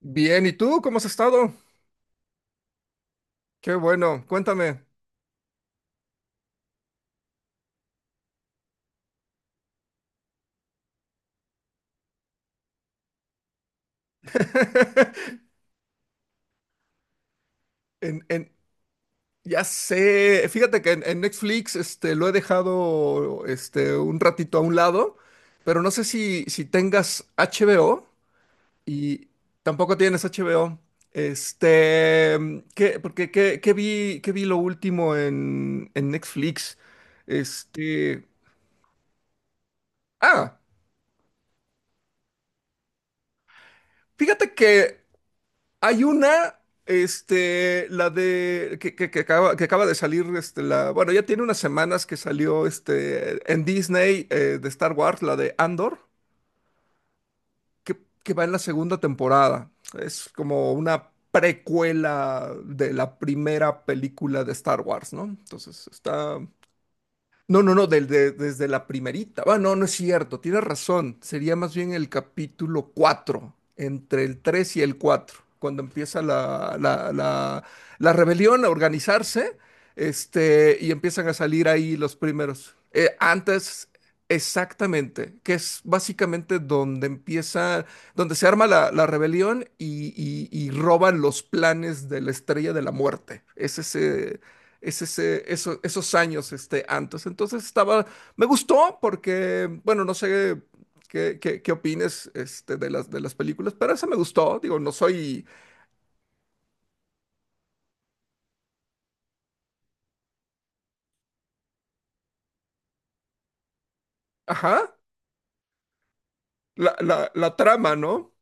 Bien, ¿y tú cómo has estado? Qué bueno, cuéntame. En, en- ya sé, fíjate que en Netflix lo he dejado un ratito a un lado, pero no sé si tengas HBO. Y tampoco tienes HBO. ¿Qué, porque, qué vi lo último en Netflix? Este, ah, Fíjate que hay una, la de, que acaba de salir, la, bueno, ya tiene unas semanas que salió, en Disney, de Star Wars, la de Andor, que va en la segunda temporada. Es como una precuela de la primera película de Star Wars, ¿no? Entonces, está, no, no, no, desde la primerita. Ah, no, no es cierto, tienes razón. Sería más bien el capítulo 4, entre el 3 y el 4, cuando empieza la rebelión a organizarse, y empiezan a salir ahí los primeros. Antes, exactamente, que es básicamente donde empieza, donde se arma la, la rebelión y, y roban los planes de la Estrella de la Muerte. Es ese esos años antes. Entonces estaba, me gustó porque, bueno, no sé qué, qué opines de las películas, pero esa me gustó, digo, no soy, ajá, la trama, ¿no?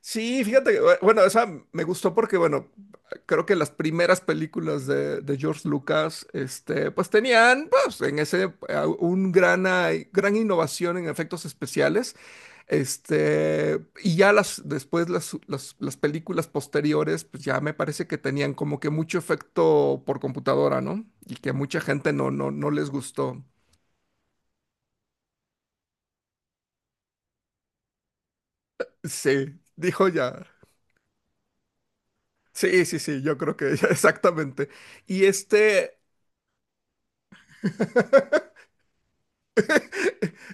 Sí, fíjate, que, bueno, esa me gustó porque, bueno, creo que las primeras películas de George Lucas, pues tenían, pues, en ese, un gran, gran innovación en efectos especiales. Y ya las, después las películas posteriores, pues ya me parece que tenían como que mucho efecto por computadora, ¿no? Y que a mucha gente no, no, no les gustó. Sí, dijo ya. Sí, sí, sí, yo creo que ya, exactamente. Y este,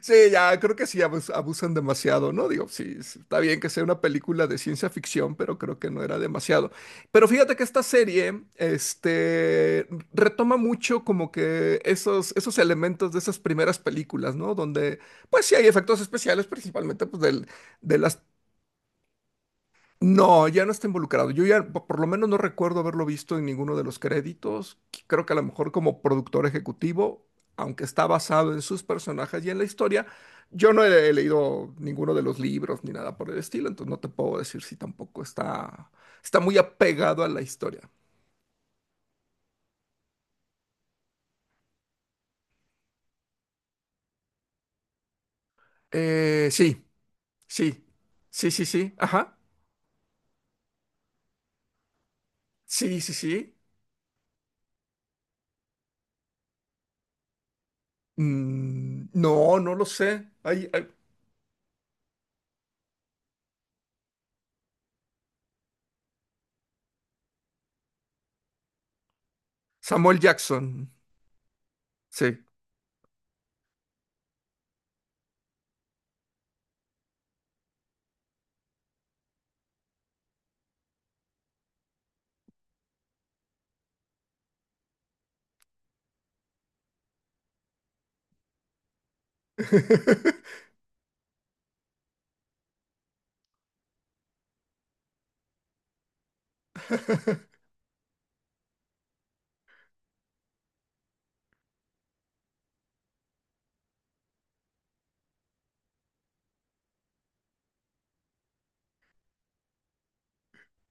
Sí, ya creo que sí abusan demasiado, ¿no? Digo, sí, sí, está bien que sea una película de ciencia ficción, pero creo que no era demasiado. Pero fíjate que esta serie, retoma mucho como que esos, esos elementos de esas primeras películas, ¿no? Donde, pues sí hay efectos especiales, principalmente pues, del- de las no, ya no está involucrado. Yo ya por lo menos no recuerdo haberlo visto en ninguno de los créditos. Creo que a lo mejor como productor ejecutivo, aunque está basado en sus personajes y en la historia, yo no he, he leído ninguno de los libros ni nada por el estilo, entonces no te puedo decir si tampoco está, está muy apegado a la historia. Sí, sí, sí, sí, sí, ajá, sí, sí, sí. Mm, no, no lo sé. Ay, ay, Samuel Jackson, sí.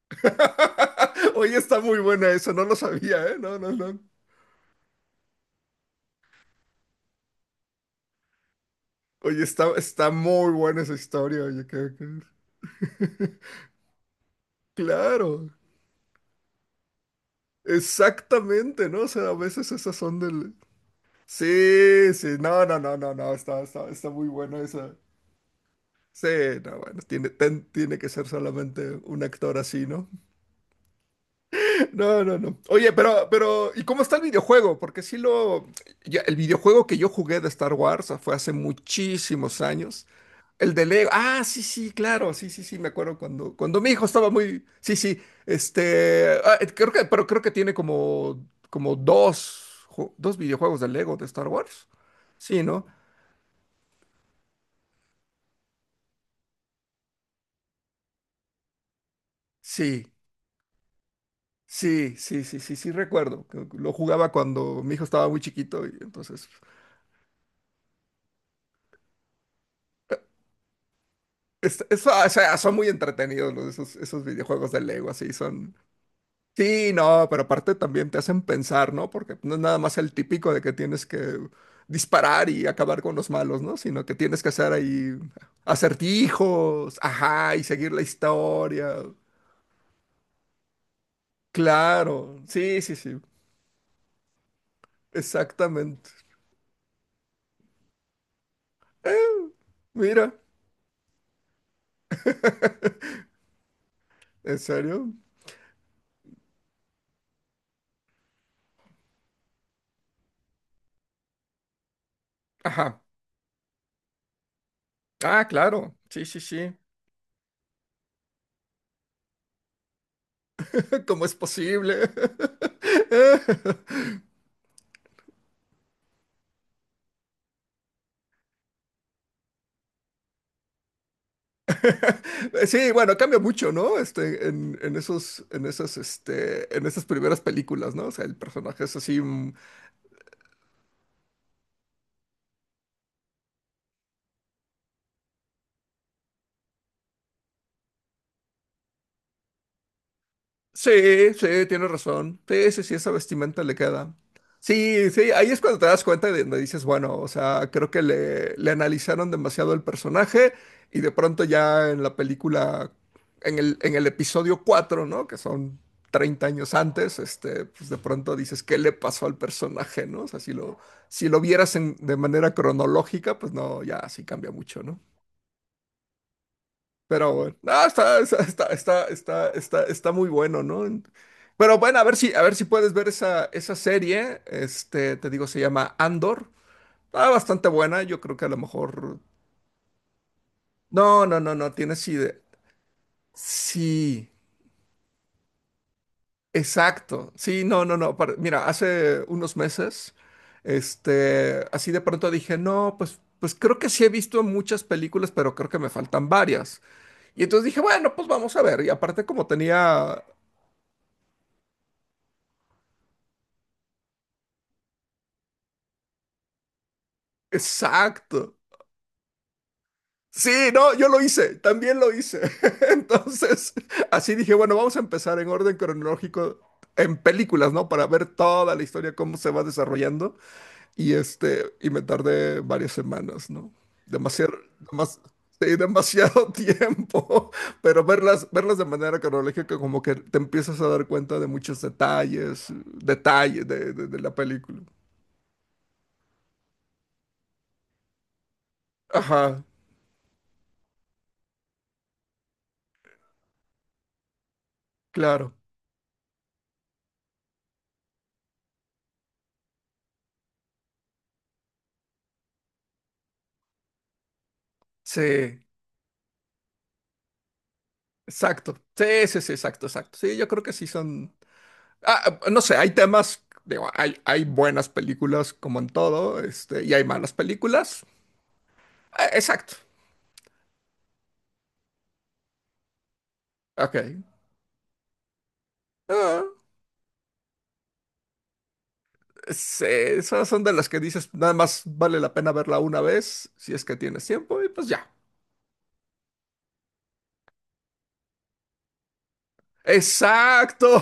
Oye, está muy buena eso, no lo sabía, ¿eh? No, no, no. Oye, está, está muy buena esa historia, oye, Claro, exactamente, ¿no? O sea, a veces esas son del... Sí, sí, no, no, no, no, no, está, está, está muy buena esa. Sí, no, bueno, tiene, tiene que ser solamente un actor así, ¿no? No, no, no. Oye, pero, ¿y cómo está el videojuego? Porque sí lo, el videojuego que yo jugué de Star Wars fue hace muchísimos años. El de Lego. Ah, sí, sí, claro, sí, sí, sí, me acuerdo cuando, cuando mi hijo estaba muy, sí, sí, creo que, pero creo que tiene como, como dos, dos videojuegos de Lego de Star Wars. Sí, ¿no? Sí, sí, sí, sí, sí, sí, recuerdo que lo jugaba cuando mi hijo estaba muy chiquito. Y entonces o sea, son muy entretenidos los, esos, esos videojuegos de Lego, así son. Sí, no, pero aparte también te hacen pensar, ¿no? Porque no es nada más el típico de que tienes que disparar y acabar con los malos, ¿no? Sino que tienes que hacer ahí acertijos, ajá, y seguir la historia. Claro, sí, sí, sí, exactamente. Eh, Mira, ¿en serio? Ajá. Ah, claro. Sí, sí, sí. ¿Cómo es posible? Sí, bueno, cambia mucho, ¿no? En esos, en esas, en esas primeras películas, ¿no? O sea, el personaje es así. Sí, sí, tiene razón. Sí, sí, sí, esa vestimenta le queda. Sí, sí, ahí es cuando te das cuenta de donde dices, bueno, o sea, creo que le analizaron demasiado el personaje. Y de pronto ya en la película, en el episodio 4, ¿no? Que son 30 años antes, pues de pronto dices, ¿qué le pasó al personaje, ¿no? O sea, si lo, si lo vieras de manera cronológica, pues no, ya sí cambia mucho, ¿no? Pero bueno, no, está, está, está, está, está, está, está muy bueno, ¿no? Pero bueno, a ver si puedes ver esa, esa serie. Te digo, se llama Andor. Está bastante buena. Yo creo que a lo mejor. No, no, no, no, tienes idea. Sí, exacto. Sí, no, no, no. Mira, hace unos meses, así de pronto dije, no, pues, pues creo que sí he visto muchas películas, pero creo que me faltan varias. Y entonces dije, bueno, pues vamos a ver. Y aparte, como tenía exacto. Sí, no, yo lo hice, también lo hice. Entonces, así dije, bueno, vamos a empezar en orden cronológico en películas, ¿no? Para ver toda la historia, cómo se va desarrollando. Y me tardé varias semanas, ¿no? Demasiado, demas- sí, demasiado tiempo. Pero verlas, verlas de manera cronológica, como que te empiezas a dar cuenta de muchos detalles, detalles de, de la película. Ajá, claro. Sí. Exacto. Sí, sí, sí, exacto, exacto. Sí, yo creo que sí son. Ah, no sé, hay temas, digo, hay buenas películas como en todo, y hay malas películas. Ah, exacto. Ok. Ah, sí, esas son de las que dices, nada más vale la pena verla una vez, si es que tienes tiempo, y pues ya. Exacto.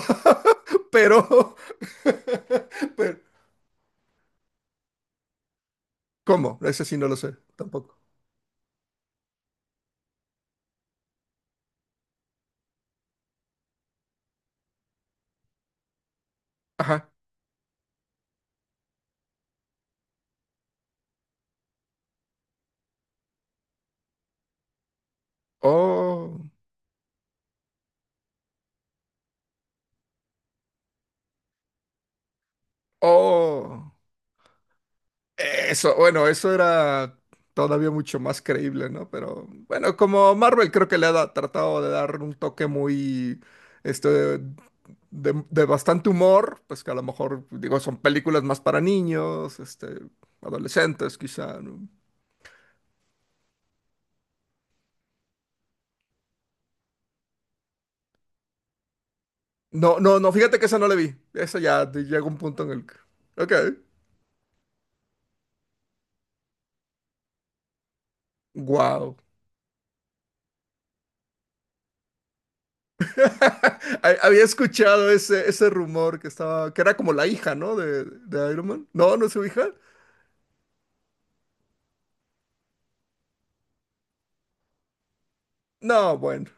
Pero, pero, ¿cómo? Ese sí no lo sé, tampoco. Ajá. Oh, oh. Eso, bueno, eso era todavía mucho más creíble, ¿no? Pero bueno, como Marvel creo que le ha tratado de dar un toque muy, este, de bastante humor, pues que a lo mejor, digo, son películas más para niños, adolescentes quizá, ¿no? No, no, no, fíjate que esa no la vi. Esa ya llega un punto en el... Ok, wow. Había escuchado ese, ese rumor que estaba, que era como la hija, ¿no? De Iron Man. No, no es su hija. No, bueno.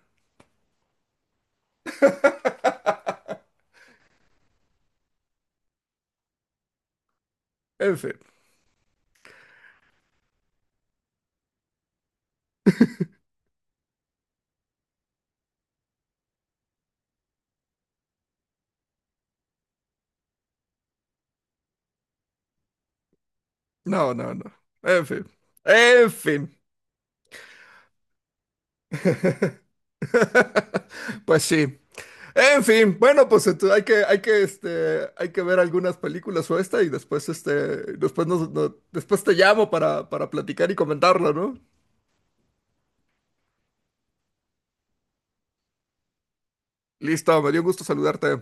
En fin. No, no, no. En fin. En fin. Pues sí. En fin, bueno, pues hay que, hay que, hay que ver algunas películas o esta y después, después nos, después te llamo para platicar y comentarlo, ¿no? Listo, me dio gusto saludarte.